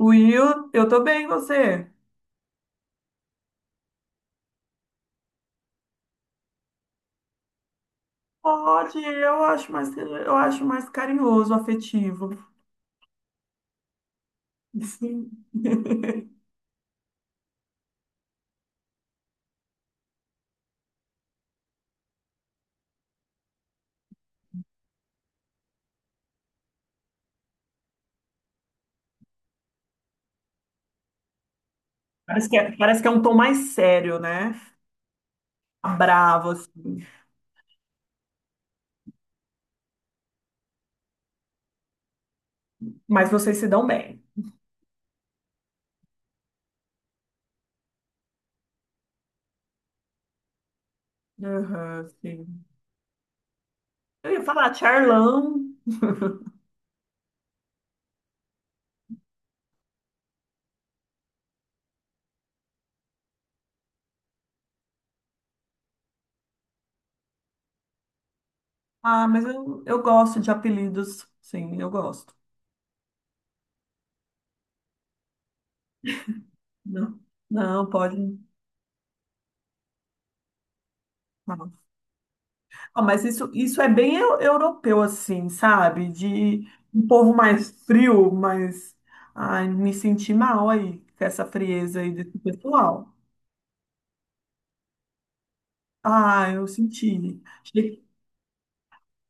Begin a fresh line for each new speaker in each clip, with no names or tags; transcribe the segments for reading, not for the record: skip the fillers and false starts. Will, eu tô bem, você? Pode, eu acho mais carinhoso, afetivo. Sim. Parece que é um tom mais sério, né? Bravo, assim. Mas vocês se dão bem. Aham, sim. Eu ia falar Charlão. Ah, mas eu gosto de apelidos. Sim, eu gosto. Não, não, pode. Ah, mas isso é bem europeu, assim, sabe? De um povo mais frio, mas. Ai, me senti mal aí, com essa frieza aí desse pessoal. Ah, eu senti. Achei,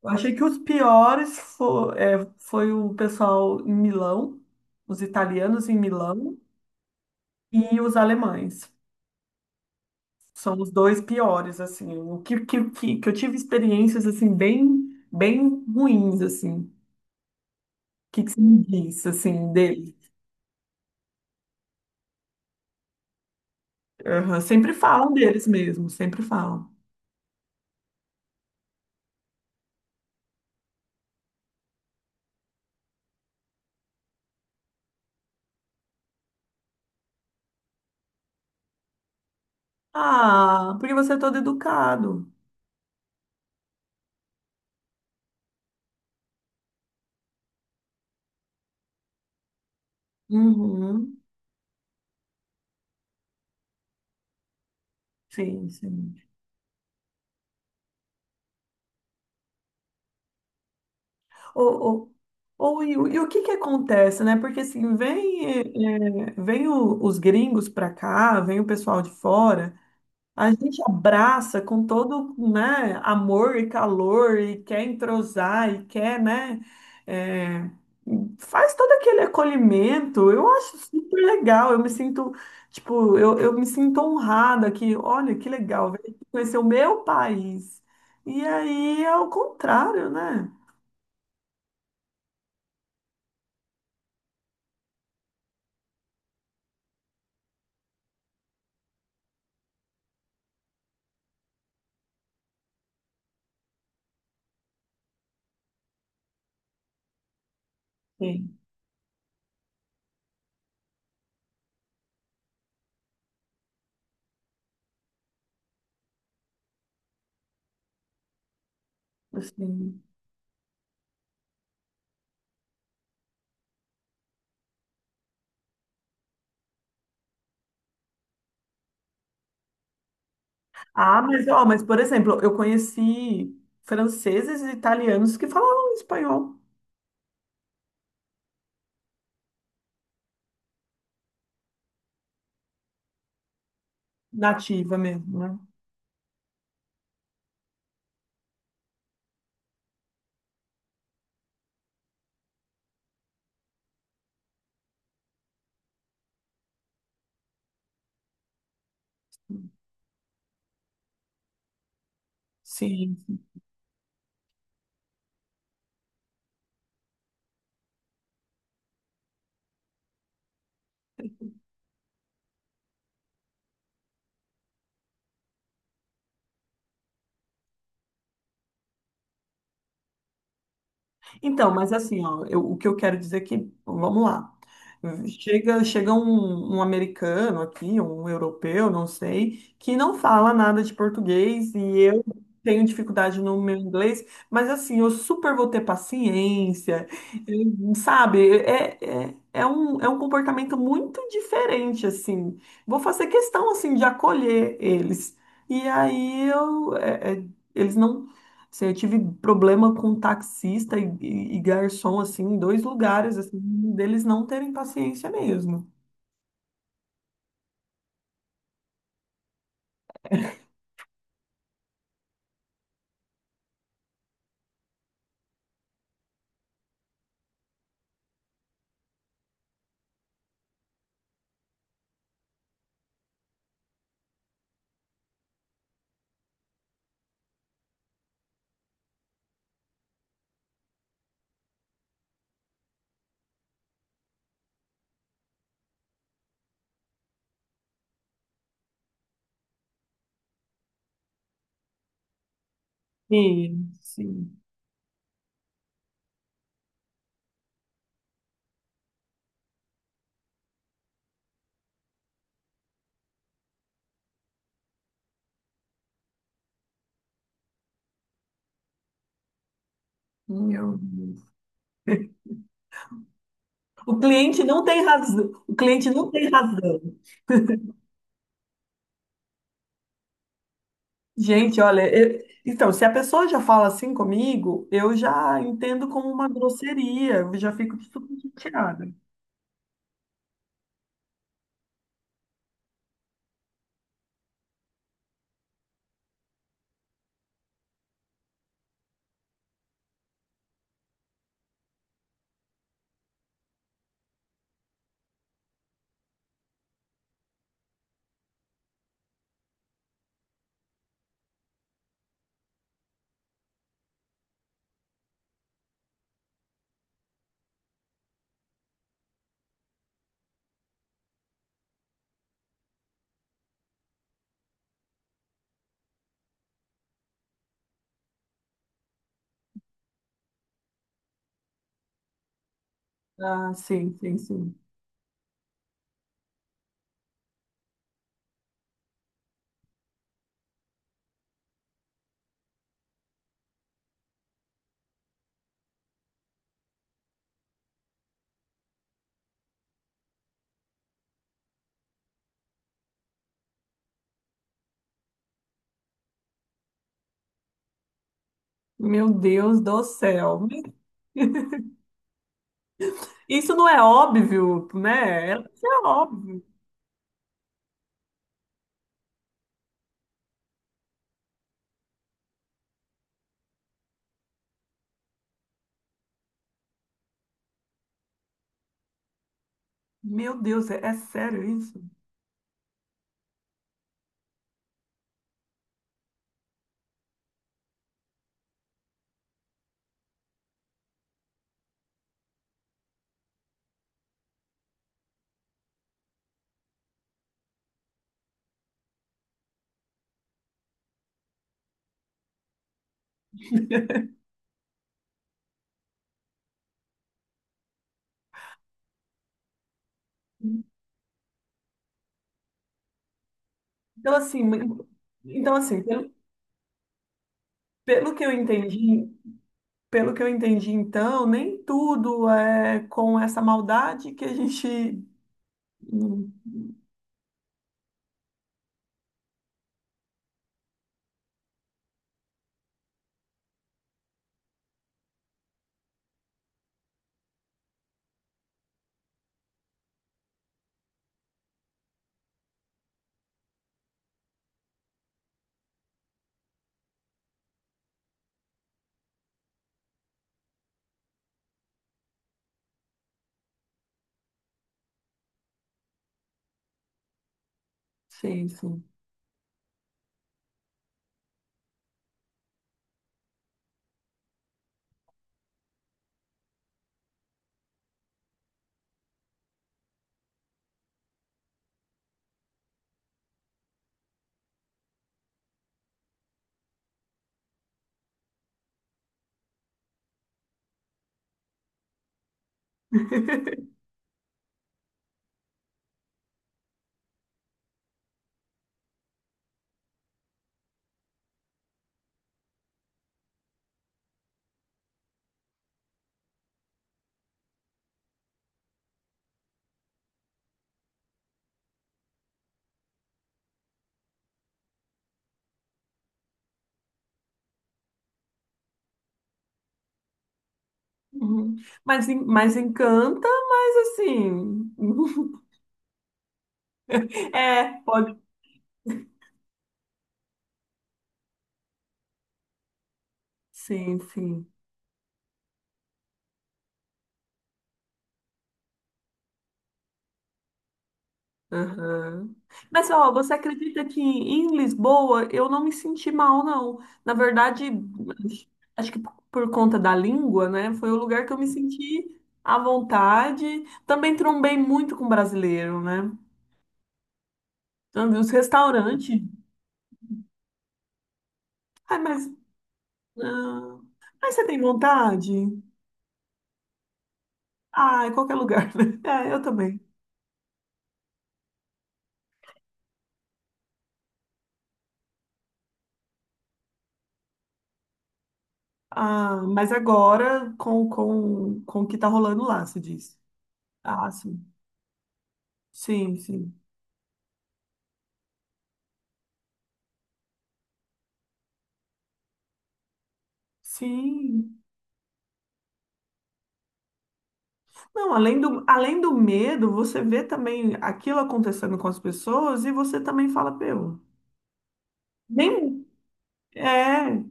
achei que os piores foi, foi o pessoal em Milão, os italianos em Milão e os alemães. São os dois piores, assim. O que eu tive experiências, assim, bem, bem ruins, assim. O que, que você me diz, assim, deles? Aham, sempre falam deles mesmo, sempre falam. Ah, porque você é todo educado. Uhum, sim, sim. Ou, ou, ou, e o que que acontece, né? Porque assim, vem, vem os gringos pra cá, vem o pessoal de fora. A gente abraça com todo, né, amor e calor e quer entrosar e quer, né, é, faz todo aquele acolhimento. Eu acho super legal. Eu me sinto, tipo, eu me sinto honrada que, olha, que legal, velho, conhecer o meu país. E aí é o contrário, né? Sim. Assim. Ah, mas, ó, mas, por exemplo, eu conheci franceses e italianos que falavam espanhol nativa mesmo, né? Sim. Então, mas assim, ó, o que eu quero dizer é que, vamos lá. Chega um, um americano aqui, um europeu, não sei, que não fala nada de português e eu tenho dificuldade no meu inglês, mas assim, eu super vou ter paciência, sabe? É um comportamento muito diferente, assim. Vou fazer questão, assim, de acolher eles. E aí eu, eles não. Assim, eu tive problema com taxista e, e garçom, assim, em dois lugares, assim, deles não terem paciência mesmo. Sim, sim, meu Deus. O cliente não tem razão. O cliente não tem razão. Gente, olha, eu- então, se a pessoa já fala assim comigo, eu já entendo como uma grosseria, eu já fico super chateada. Ah, sim, sim, sim. Meu Deus do céu. Isso não é óbvio, né? Isso é óbvio. Meu Deus, é, é sério isso? Então, assim, então, assim, pelo, pelo que eu entendi, pelo que eu entendi, então, nem tudo é com essa maldade que a gente. Hum, Sim, sim. Uhum. Mas, mas encanta, mas assim. É, pode. Sim, sim. Aham. Mas, ó, você acredita que em Lisboa eu não me senti mal, não? Na verdade, acho que por conta da língua, né? Foi o lugar que eu me senti à vontade. Também trombei muito com brasileiro, né? Então, os restaurantes. Ai, mas. Ah, mas você tem vontade? Ah, em qualquer lugar, né? É, eu também. Ah, mas agora com o que tá rolando lá, se diz. Ah, sim. Sim, sim. Sim. Não, além do medo, você vê também aquilo acontecendo com as pessoas e você também fala, meu, nem é,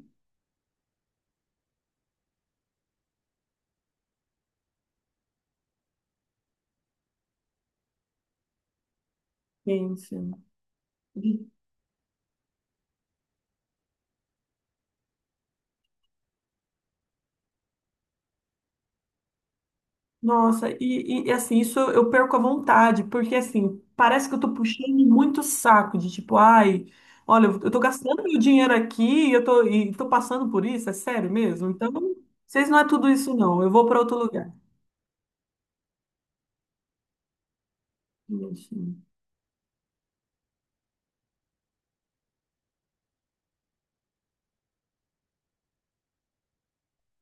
gente. Nossa, e assim, isso eu perco a vontade, porque assim, parece que eu tô puxando muito saco de tipo, ai, olha, eu tô gastando meu dinheiro aqui e e tô passando por isso, é sério mesmo? Então, vocês não é tudo isso não, eu vou para outro lugar. Enfim.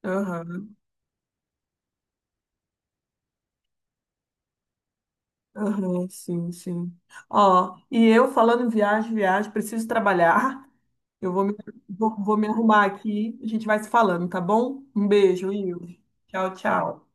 Aham. Aham, sim, sim. Ó, e eu falando em viagem, viagem, preciso trabalhar. Eu vou me, vou me arrumar aqui. A gente vai se falando, tá bom? Um beijo, Will. Tchau, tchau.